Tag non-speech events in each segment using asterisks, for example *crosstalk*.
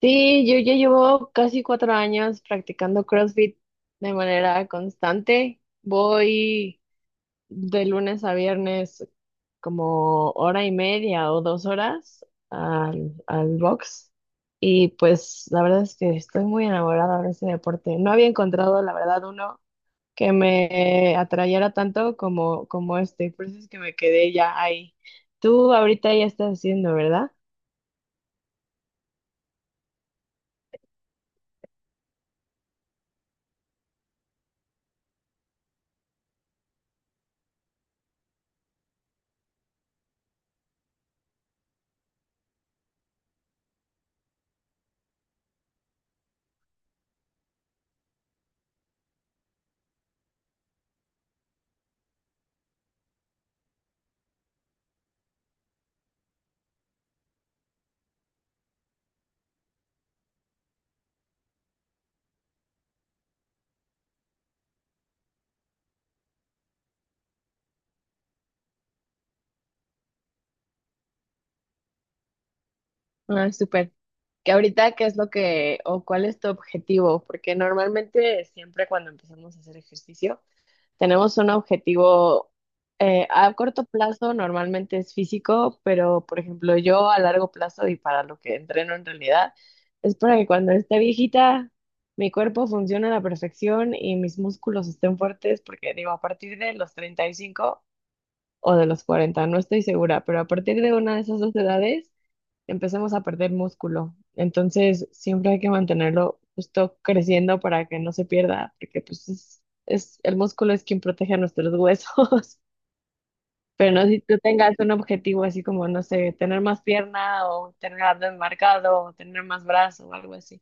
Sí, yo ya llevo casi cuatro años practicando CrossFit de manera constante. Voy de lunes a viernes como hora y media o dos horas al box. Y pues la verdad es que estoy muy enamorada de ese deporte. No había encontrado, la verdad, uno que me atrayera tanto como este. Por eso es que me quedé ya ahí. Tú ahorita ya estás haciendo, ¿verdad? Ah, súper. Que ahorita qué es lo que o cuál es tu objetivo, porque normalmente siempre cuando empezamos a hacer ejercicio tenemos un objetivo a corto plazo, normalmente es físico, pero por ejemplo yo a largo plazo y para lo que entreno en realidad es para que cuando esté viejita mi cuerpo funcione a la perfección y mis músculos estén fuertes, porque digo, a partir de los 35 o de los 40 no estoy segura, pero a partir de una de esas dos edades empecemos a perder músculo. Entonces, siempre hay que mantenerlo justo creciendo para que no se pierda, porque pues el músculo es quien protege a nuestros huesos. *laughs* Pero no si tú tengas un objetivo así como, no sé, tener más pierna o tener abdomen marcado o tener más brazo o algo así.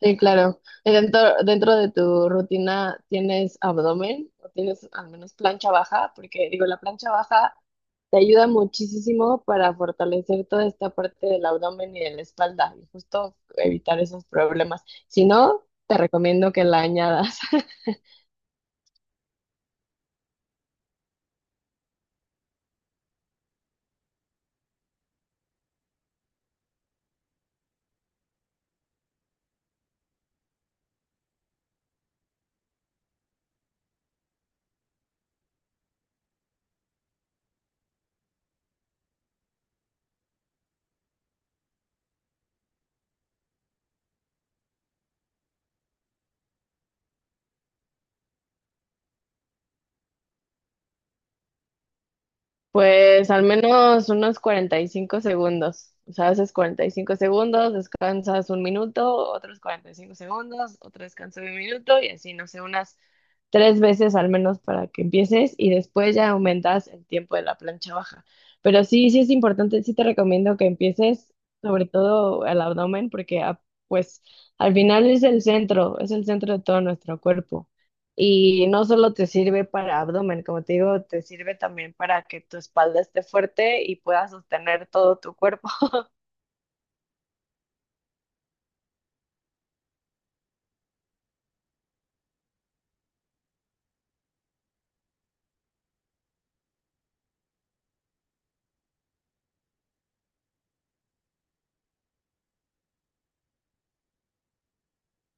Sí, claro. Y dentro de tu rutina, ¿tienes abdomen o tienes al menos plancha baja? Porque digo, la plancha baja te ayuda muchísimo para fortalecer toda esta parte del abdomen y de la espalda y justo evitar esos problemas. Si no, te recomiendo que la añadas. *laughs* Pues al menos unos 45 segundos. O sea, haces 45 segundos, descansas un minuto, otros 45 segundos, otro descanso de un minuto y así, no sé, unas tres veces al menos para que empieces y después ya aumentas el tiempo de la plancha baja. Pero sí, sí es importante, sí te recomiendo que empieces sobre todo el abdomen porque pues al final es el centro de todo nuestro cuerpo. Y no solo te sirve para abdomen, como te digo, te sirve también para que tu espalda esté fuerte y puedas sostener todo tu cuerpo.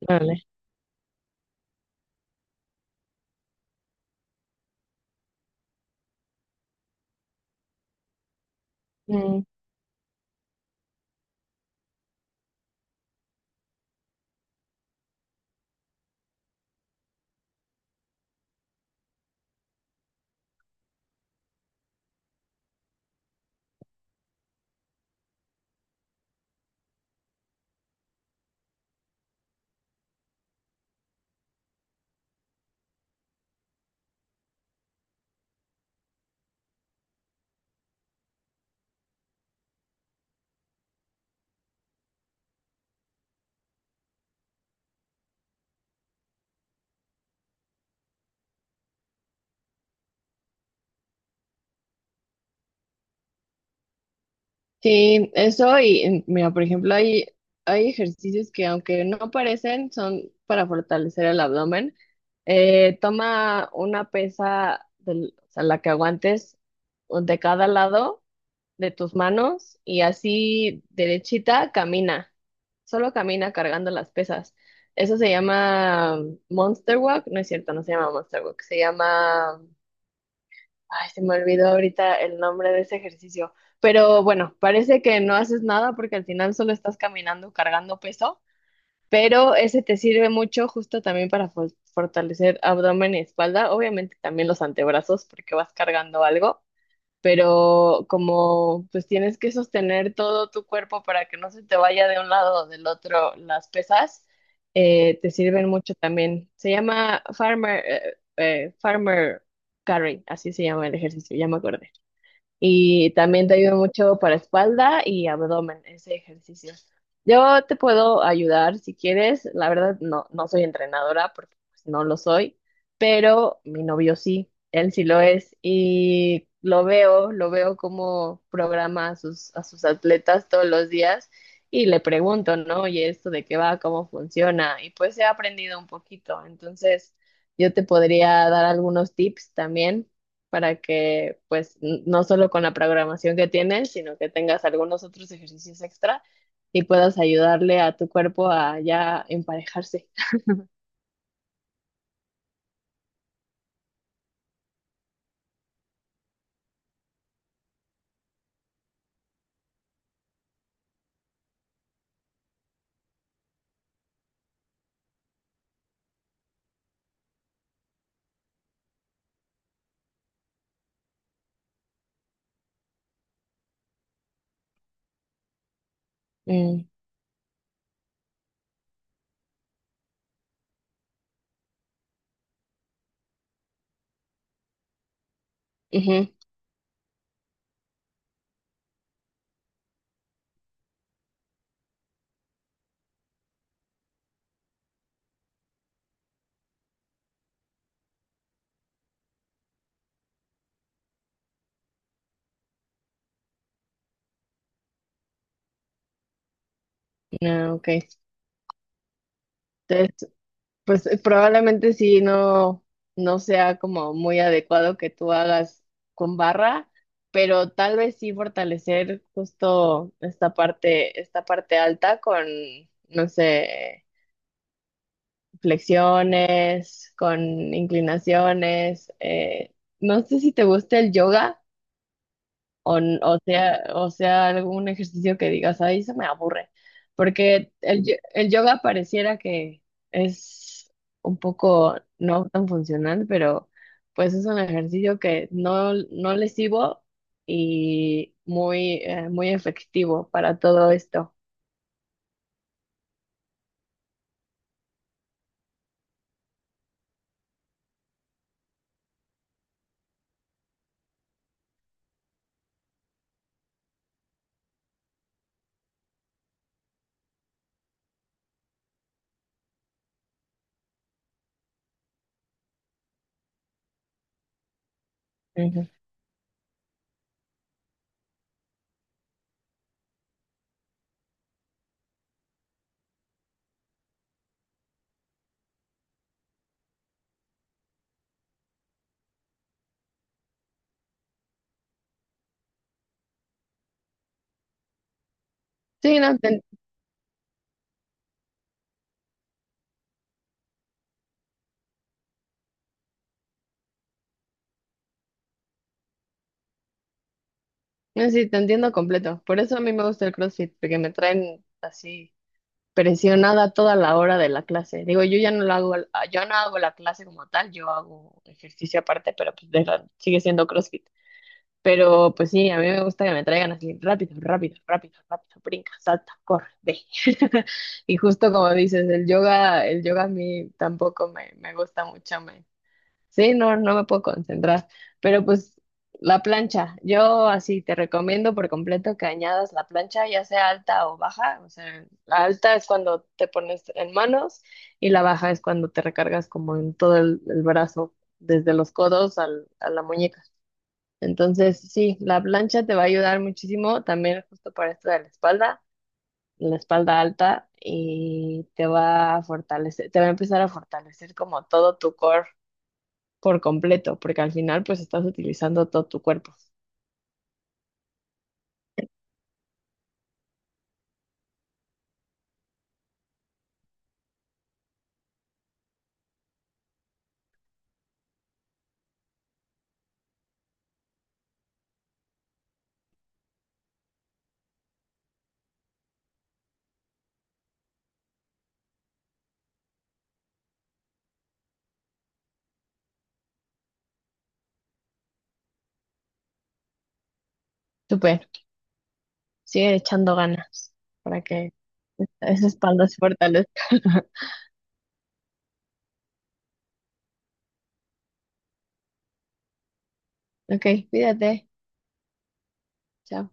Vale. Sí, eso y mira, por ejemplo, hay ejercicios que aunque no parecen, son para fortalecer el abdomen. Toma una pesa del, o sea, la que aguantes o de cada lado de tus manos y así derechita camina. Solo camina cargando las pesas. Eso se llama Monster Walk, no es cierto, no se llama Monster Walk, se llama... Ay, se me olvidó ahorita el nombre de ese ejercicio. Pero bueno, parece que no haces nada porque al final solo estás caminando, cargando peso, pero ese te sirve mucho justo también para fortalecer abdomen y espalda, obviamente también los antebrazos porque vas cargando algo, pero como pues tienes que sostener todo tu cuerpo para que no se te vaya de un lado o del otro las pesas, te sirven mucho también. Se llama Farmer, Farmer Carry, así se llama el ejercicio, ya me acordé. Y también te ayuda mucho para espalda y abdomen, ese ejercicio. Yo te puedo ayudar si quieres. La verdad, no, no soy entrenadora porque pues, no lo soy, pero mi novio sí, él sí lo es. Y lo veo cómo programa a sus atletas todos los días y le pregunto, ¿no? Oye, ¿esto de qué va? ¿Cómo funciona? Y pues he aprendido un poquito. Entonces, yo te podría dar algunos tips también para que pues no solo con la programación que tienes, sino que tengas algunos otros ejercicios extra y puedas ayudarle a tu cuerpo a ya emparejarse. Mm, ujú, ah, ok. Entonces, pues probablemente sí no sea como muy adecuado que tú hagas con barra, pero tal vez sí fortalecer justo esta parte alta con, no sé. Flexiones, con inclinaciones. No sé si te gusta el yoga o sea, algún ejercicio que digas, ay se me aburre, porque el yoga pareciera que es un poco no tan funcional, pero pues es un ejercicio que no, no lesivo y muy efectivo para todo esto. Ujú. Sí, no, te... No, sí, te entiendo completo. Por eso a mí me gusta el CrossFit, porque me traen así presionada toda la hora de la clase. Digo, yo ya no lo hago, yo no hago la clase como tal, yo hago ejercicio aparte, pero pues sigue siendo CrossFit. Pero pues sí, a mí me gusta que me traigan así rápido, rápido, rápido, rápido, brinca, salta, corre, ve. *laughs* Y justo como dices, el yoga a mí tampoco me gusta mucho. Sí, no, no me puedo concentrar. Pero pues la plancha, yo así te recomiendo por completo que añadas la plancha, ya sea alta o baja. O sea, la alta es cuando te pones en manos y la baja es cuando te recargas como en todo el brazo, desde los codos a la muñeca. Entonces, sí, la plancha te va a ayudar muchísimo también justo para esto de la espalda alta y te va a fortalecer, te va a empezar a fortalecer como todo tu core por completo, porque al final pues estás utilizando todo tu cuerpo. Súper, sigue echando ganas para que esa espalda se fortalezca. *laughs* Ok, cuídate. Chao.